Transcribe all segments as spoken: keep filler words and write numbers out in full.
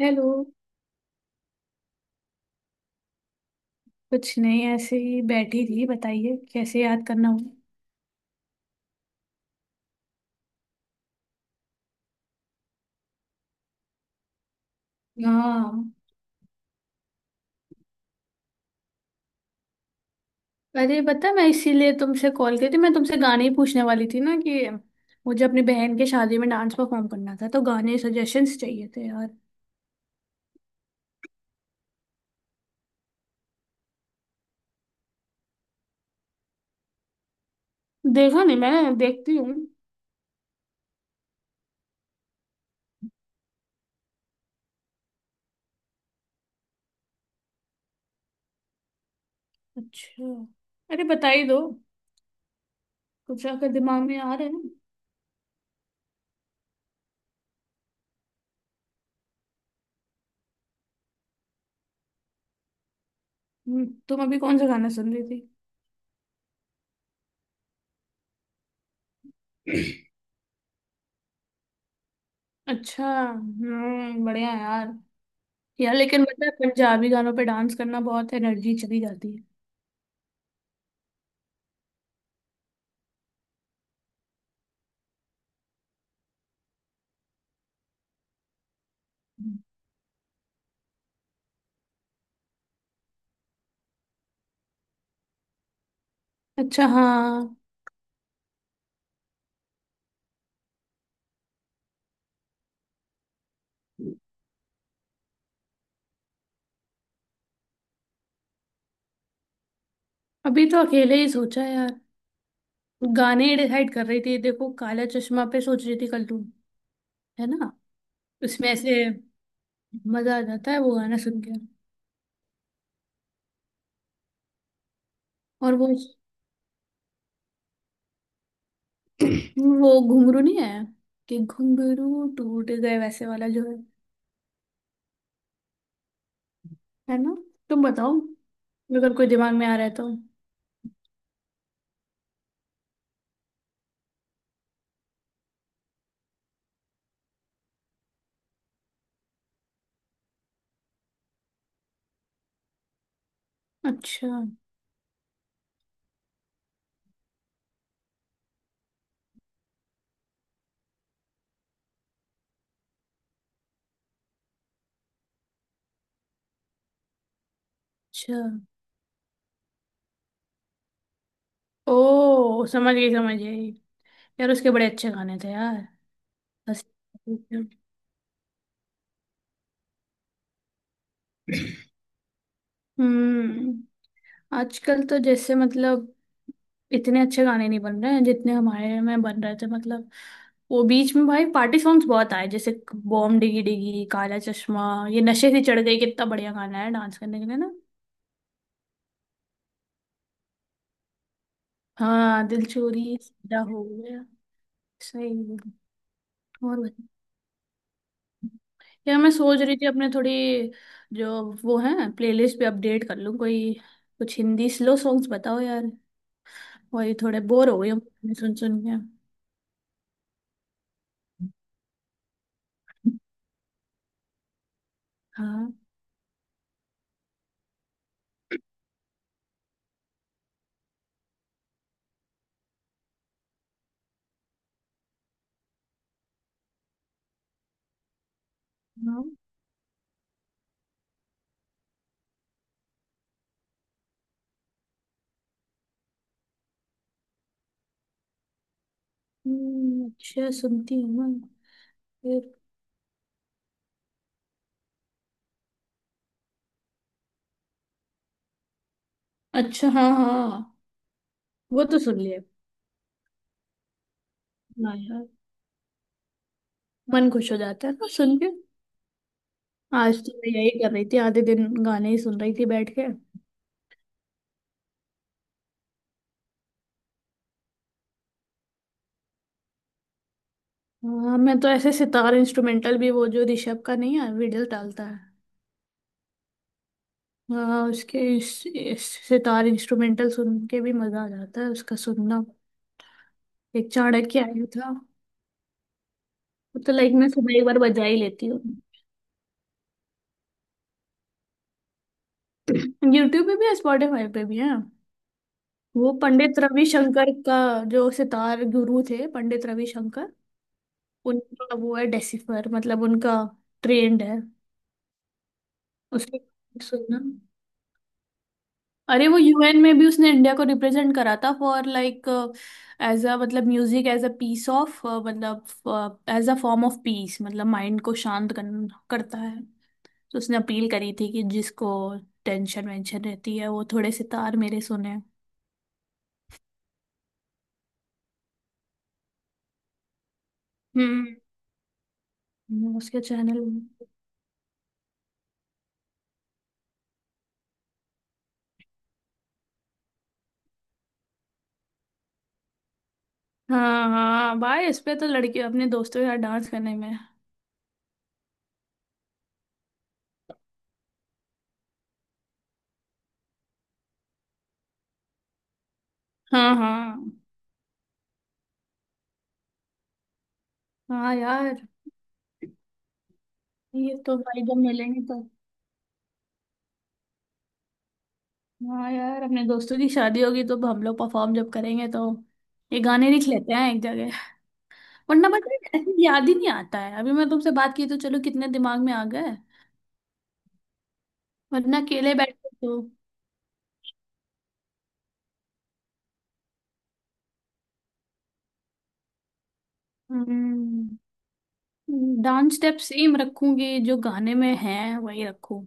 Hello. कुछ नहीं, ऐसे ही बैठी थी, बताइए कैसे याद करना हुआ। हाँ, अरे पता, मैं इसीलिए तुमसे कॉल की थी। मैं तुमसे गाने ही पूछने वाली थी ना कि मुझे अपनी बहन के शादी में डांस परफॉर्म करना था, तो गाने सजेशंस चाहिए थे यार। देखा नहीं, मैंने देखती हूँ। अच्छा, अरे बता ही दो, कुछ अगर दिमाग में आ रहा है ना। हम्म, तुम अभी कौन सा गाना सुन रही थी? अच्छा। हम्म, बढ़िया यार। यार लेकिन मतलब पंजाबी गानों पे डांस करना, बहुत एनर्जी चली जाती है। अच्छा हाँ, अभी तो अकेले ही सोचा यार। गाने डिसाइड कर रही थी, देखो काला चश्मा पे सोच रही थी कल तू। है ना? उसमें ऐसे मजा आ जाता है वो गाना सुन के। और वो वो घुंघरू नहीं है, कि घुंघरू टूट गए वैसे वाला जो है। है ना? तुम बताओ, अगर कोई दिमाग में आ रहा है तो। अच्छा। अच्छा, ओ समझ गई, समझ गई। यार उसके बड़े अच्छे गाने थे यार। हंसी- आती थी। हम्म, आजकल तो जैसे मतलब इतने अच्छे गाने नहीं बन रहे हैं, जितने हमारे में बन रहे थे मतलब। वो बीच में भाई पार्टी सॉन्ग्स बहुत आए, जैसे बॉम डिगी डिगी, काला चश्मा, ये नशे से चढ़ गई। कितना बढ़िया गाना है डांस करने के लिए ना। हाँ दिल चोरी सदा हो गया। सही है। और बता- यार मैं सोच रही थी अपने थोड़ी जो वो है प्लेलिस्ट पे अपडेट कर लूँ कोई। कुछ हिंदी स्लो सॉन्ग्स बताओ यार, वही थोड़े बोर हो गई हूँ सुन सुन के। हाँ। हाँ। हम्म, अच्छा सुनती हूँ मैं। अच्छा हाँ, हाँ हाँ। वो तो सुन लिया। हाँ यार, मन खुश हो जाता है ना सुन के। आज तो मैं यही कर रही थी, आधे दिन गाने ही सुन रही थी बैठ के। हाँ मैं तो ऐसे सितार इंस्ट्रूमेंटल भी, वो जो ऋषभ का नहीं है वीडियो डालता है। हाँ उसके इस, इस सितार इंस्ट्रूमेंटल सुन के भी मजा आ जाता है, उसका सुनना। एक चाणक्य आया था। वो तो लाइक मैं सुबह एक बार बजा ही लेती हूँ। यूट्यूब पे भी है, स्पॉटिफाई पे भी है। वो पंडित रविशंकर का, जो सितार गुरु थे पंडित रविशंकर, उनका वो है डेसिफर, मतलब उनका ट्रेंड है। उसके सुनना, अरे वो यूएन में भी उसने इंडिया को रिप्रेजेंट करा था फॉर लाइक एज अ, मतलब music as a piece of, मतलब as a form of peace, मतलब माइंड को शांत कर, करता है। तो उसने अपील करी थी कि जिसको टेंशन वेंशन रहती है वो थोड़े सितार मेरे सुने। हम्म। हम्म, उसके चैनल में। हाँ हाँ, भाई इस पे तो लड़की अपने दोस्तों के साथ डांस करने में। हाँ हाँ हाँ, यार ये तो भाई जब मिलेंगे तो। हाँ यार, अपने दोस्तों की शादी होगी तो हम लोग परफॉर्म जब करेंगे तो ये गाने लिख लेते हैं एक जगह, वरना बट ऐसे याद ही नहीं आता है। अभी मैं तुमसे बात की तो चलो, कितने दिमाग में आ गए, वरना अकेले बैठे तो। हम्म, डांस स्टेप सेम रखूंगी, जो गाने में है वही रखूं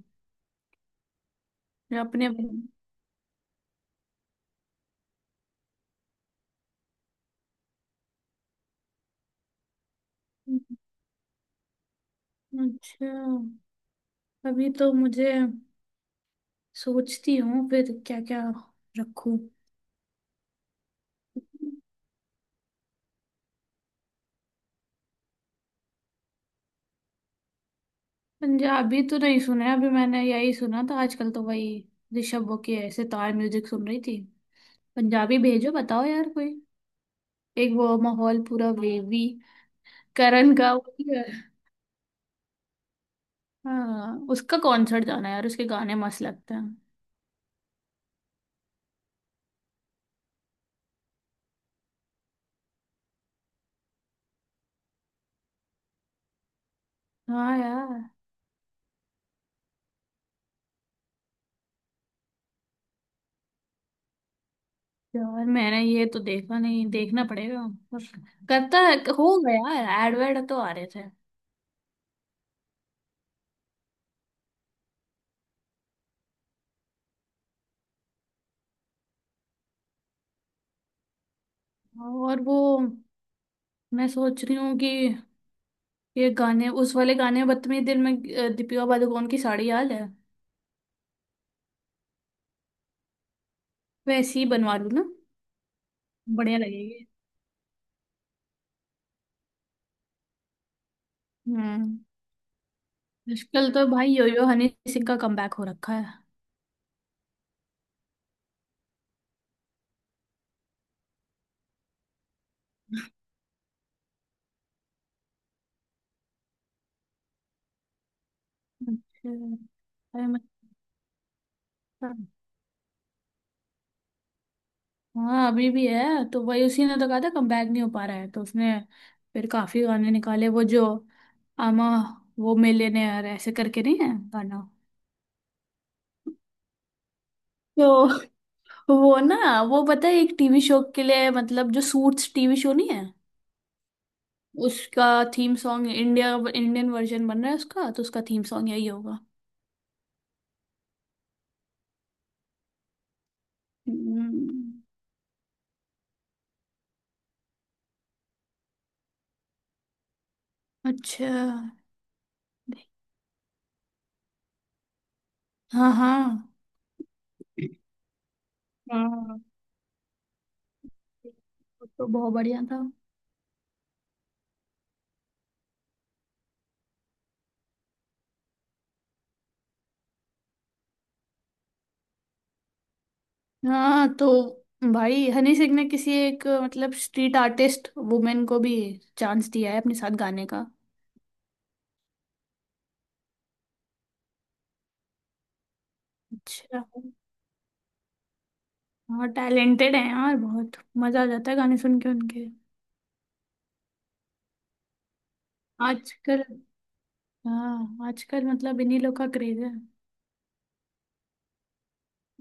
जो अपने। अच्छा, अभी तो मुझे सोचती हूँ फिर क्या क्या रखूं। पंजाबी तो नहीं सुना है अभी मैंने, यही सुना था आजकल तो, वही ऋषभ वो के सितार म्यूजिक सुन रही थी। पंजाबी भेजो, बताओ यार कोई। एक वो माहौल पूरा वेवी करण का वो भी है। हाँ उसका कॉन्सर्ट जाना है यार, उसके गाने मस्त लगते हैं। हाँ यार, यार मैंने ये तो देखा नहीं, देखना पड़ेगा। पर करता है हो गया यार, एड वेड तो आ रहे थे। और वो, मैं सोच रही हूँ कि ये गाने उस वाले गाने बदतमीज दिल में अ, दीपिका पादुकोण की साड़ी याद है? वैसे ही बनवा लूँ ना, बढ़िया लगेगी। हम्म, आजकल तो भाई योयो हनी सिंह का कमबैक हो रखा है। अच्छा। अरे मतलब, हाँ अभी भी है। तो वही उसी ने तो कहा था कमबैक नहीं हो पा रहा है, तो उसने फिर काफी गाने निकाले वो जो आमा, वो मिलियनेयर ऐसे करके नहीं है गाना? तो वो ना वो पता है एक टीवी शो के लिए, मतलब जो सूट्स टीवी शो नहीं है, उसका theme song India, Indian version बन रहा है उसका, तो उसका थीम सॉन्ग यही होगा। हम्म। अच्छा हाँ, हाँ हाँ। वो तो बहुत बढ़िया था। हाँ तो भाई हनी सिंह ने किसी एक मतलब स्ट्रीट आर्टिस्ट वुमेन को भी चांस दिया है अपने साथ गाने का। अच्छा। हाँ टैलेंटेड है यार, बहुत मजा आ जाता है गाने सुन के उनके। आजकल, हाँ आजकल मतलब इन्हीं लोग का क्रेज है।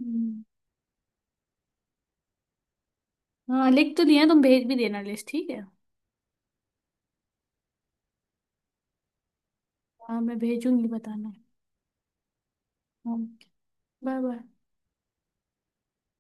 हम्म, हाँ लिख तो लिया, तुम भेज भी देना लिस्ट ठीक है। हाँ मैं भेजूंगी बताना। हाँ, बाय बाय।